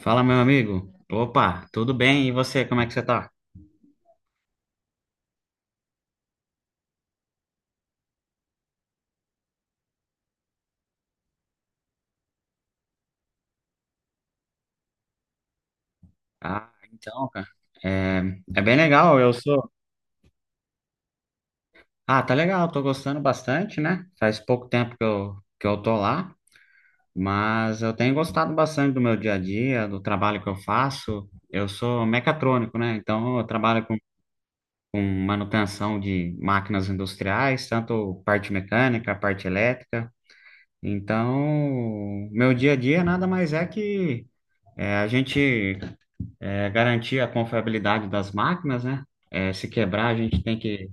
Fala, meu amigo. Opa, tudo bem? E você, como é que você tá? Ah, então, cara. É, é bem legal, eu sou. Ah, tá legal, tô gostando bastante, né? Faz pouco tempo que eu tô lá, mas eu tenho gostado bastante do meu dia a dia, do trabalho que eu faço. Eu sou mecatrônico, né? Então eu trabalho com manutenção de máquinas industriais, tanto parte mecânica, parte elétrica. Então, meu dia a dia nada mais é que é, a gente garantir a confiabilidade das máquinas, né? É, se quebrar, a gente tem que.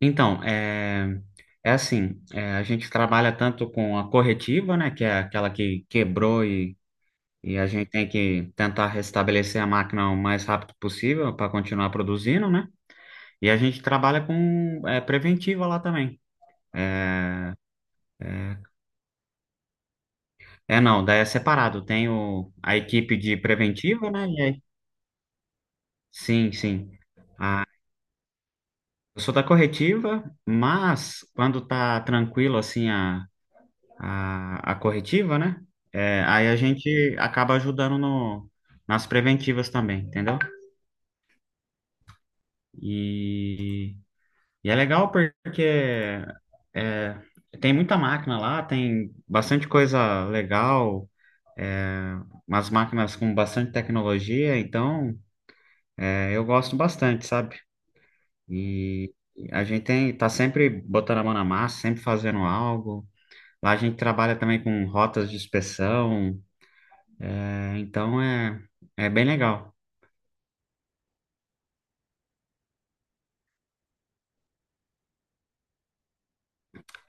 Então, é, é assim: é, a gente trabalha tanto com a corretiva, né? Que é aquela que quebrou e a gente tem que tentar restabelecer a máquina o mais rápido possível para continuar produzindo, né? E a gente trabalha com é, preventiva lá também. É, não, daí é separado: tem a equipe de preventiva, né? E aí, sim, sim. Eu sou da corretiva, mas quando tá tranquilo assim a corretiva, né? É, aí a gente acaba ajudando no, nas preventivas também, entendeu? E, e é legal porque é, tem muita máquina lá, tem bastante coisa legal, umas máquinas com bastante tecnologia, então é, eu gosto bastante, sabe? E a gente tá sempre botando a mão na massa, sempre fazendo algo. Lá a gente trabalha também com rotas de inspeção, é, então é bem legal.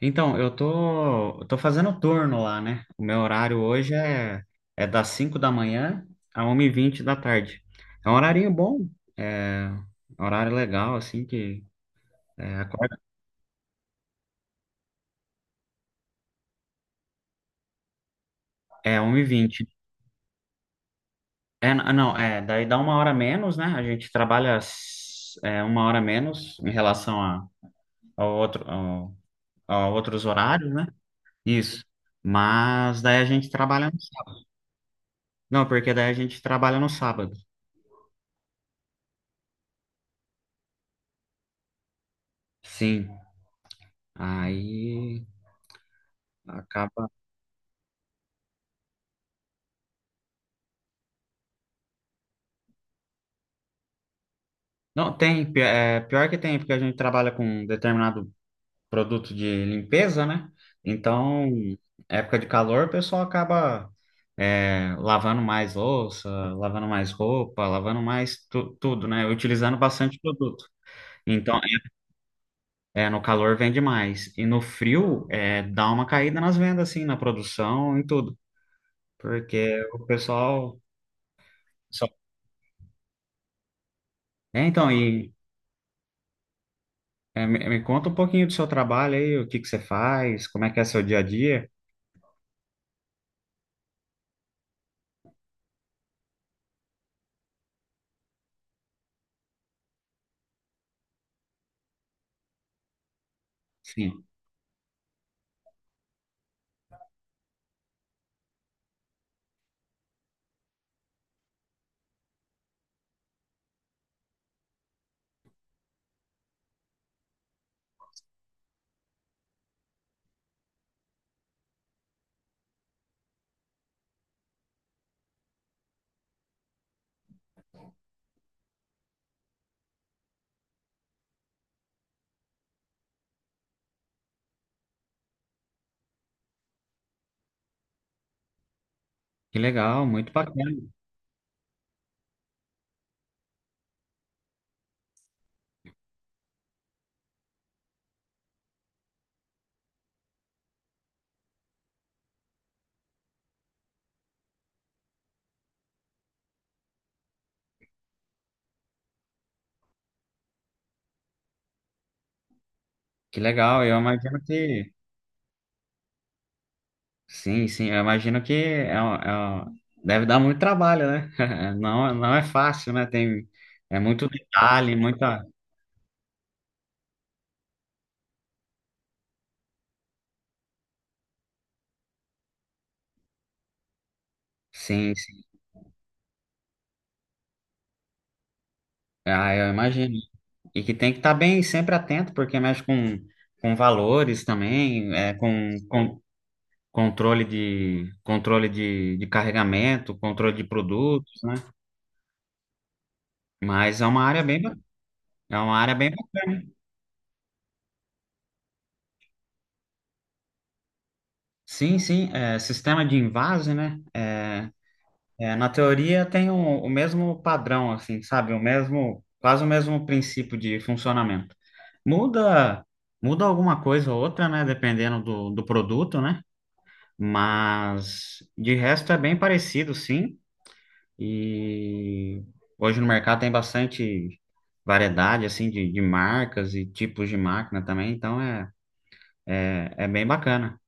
Então, eu tô fazendo turno lá, né? O meu horário hoje é das 5 da manhã a 1 e vinte da tarde. É um horarinho bom, é um horário legal, assim, que é, acorda, é 1h20. É, não, é, daí dá uma hora a menos, né? A gente trabalha uma hora a menos em relação ao outro, ao, a outros horários, né? Isso. Mas daí a gente trabalha no sábado. Não, porque daí a gente trabalha no sábado. Sim. Aí. Acaba. Não, tem. É, pior que tem, porque a gente trabalha com determinado produto de limpeza, né? Então, época de calor, o pessoal acaba é, lavando mais louça, lavando mais roupa, lavando mais tudo, né? Utilizando bastante produto. Então, é, é, no calor vende mais. E no frio, é, dá uma caída nas vendas, assim, na produção, em tudo. Porque o pessoal. só- É, então, e. É, me conta um pouquinho do seu trabalho aí, o que que você faz, como é que é seu dia a dia. Sim. Que legal, muito bacana. Que legal, eu imagino que... Sim, sim, eu imagino que deve dar muito trabalho, né? Não, não é fácil, né? Tem, é muito detalhe, muita... Sim, sim. Ah, eu imagino. E que tem que estar bem, sempre atento, porque mexe com valores também, é, com controle controle de carregamento, controle de produtos, né? Mas é uma área bem, é uma área bem, ba- sim, sim, é, sistema de invase, né? É, na teoria tem o mesmo padrão, assim, sabe? O mesmo, quase o mesmo princípio de funcionamento. Muda, muda alguma coisa ou outra, né? Dependendo do produto, né? Mas de resto é bem parecido, sim. E hoje no mercado tem bastante variedade, assim, de marcas e tipos de máquina também, então é, é bem bacana.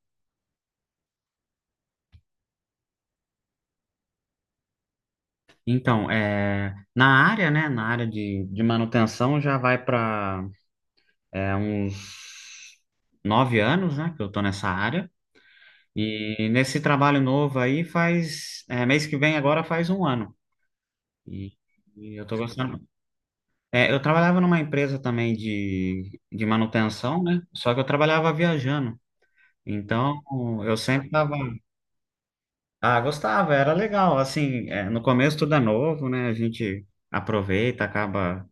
Então, é, na área de manutenção já vai para uns 9 anos, né, que eu tô nessa área. E nesse trabalho novo aí faz, é, mês que vem agora faz um ano. E, e eu tô gostando. É, eu trabalhava numa empresa também de manutenção, né, só que eu trabalhava viajando. Então, eu sempre tava... Ah, gostava, era legal. Assim, é, no começo tudo é novo, né, a gente aproveita, acaba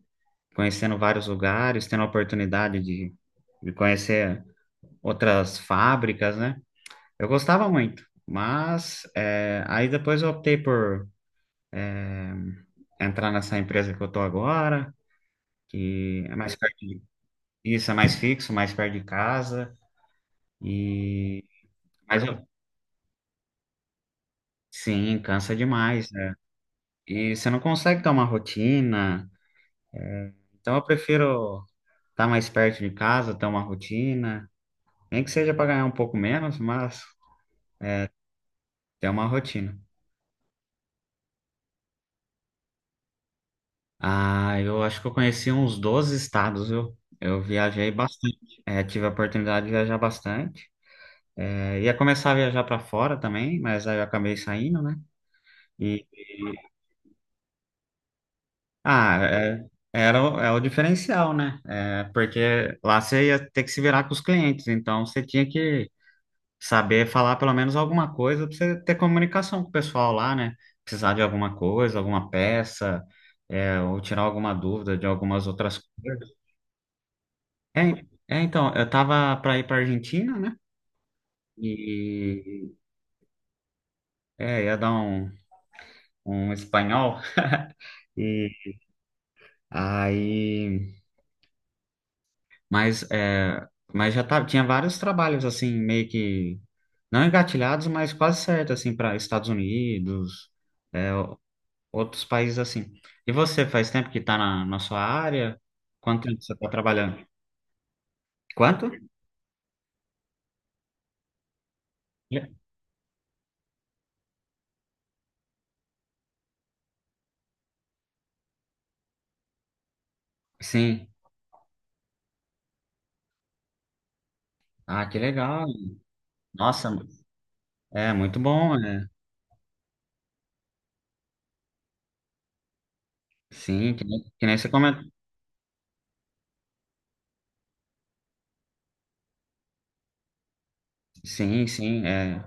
conhecendo vários lugares, tendo a oportunidade de conhecer outras fábricas, né? Eu gostava muito, mas é, aí depois eu optei por é, entrar nessa empresa que eu tô agora, que é mais perto de, isso, é mais fixo, mais perto de casa, e mas eu, sim, cansa demais, né? E você não consegue ter uma rotina, então eu prefiro estar mais perto de casa, ter uma rotina, nem que seja para ganhar um pouco menos, mas ter uma rotina. Ah, eu acho que eu conheci uns 12 estados, viu? Eu viajei bastante. É, tive a oportunidade de viajar bastante. É, ia começar a viajar para fora também, mas aí eu acabei saindo, né? E, ah, é, é o diferencial, né? É, porque lá você ia ter que se virar com os clientes, então você tinha que saber falar pelo menos alguma coisa para você ter comunicação com o pessoal lá, né? Precisar de alguma coisa, alguma peça, é, ou tirar alguma dúvida de algumas outras coisas. É, é, então, eu tava para ir para Argentina, né? E é, ia dar um espanhol. E aí, mas é, mas já tava, tinha vários trabalhos assim meio que não engatilhados, mas quase certo assim para Estados Unidos, é, outros países assim. E você faz tempo que tá na, na sua área? Quanto tempo você tá trabalhando? Quanto? Le- Sim. Ah, que legal. Nossa, é muito bom, né? Sim, que nem você sim, sim, é.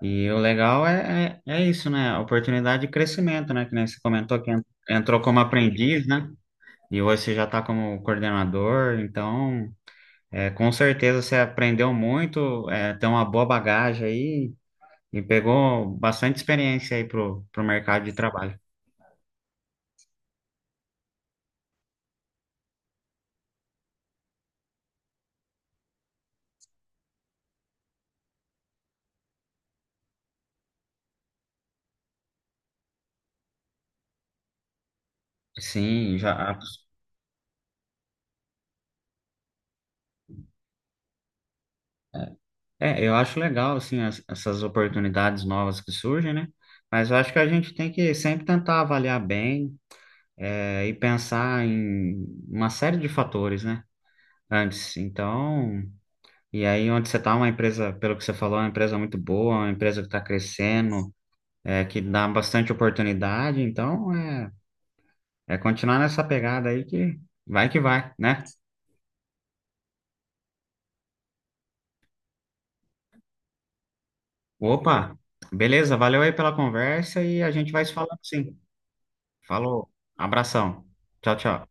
E o legal é, é isso, né? A oportunidade de crescimento, né? Que nem você comentou que entrou como aprendiz, né? E hoje você já está como coordenador, então é, com certeza você aprendeu muito, é, tem uma boa bagagem aí e pegou bastante experiência aí pro mercado de trabalho. Sim, já. É, eu acho legal, assim, essas oportunidades novas que surgem, né? Mas eu acho que a gente tem que sempre tentar avaliar bem é, e pensar em uma série de fatores, né? Antes. Então, e aí onde você está, uma empresa, pelo que você falou, é uma empresa muito boa, uma empresa que está crescendo, é, que dá bastante oportunidade. Então, é, é continuar nessa pegada aí que vai, né? Opa, beleza, valeu aí pela conversa e a gente vai se falando sim. Falou, abração. Tchau, tchau.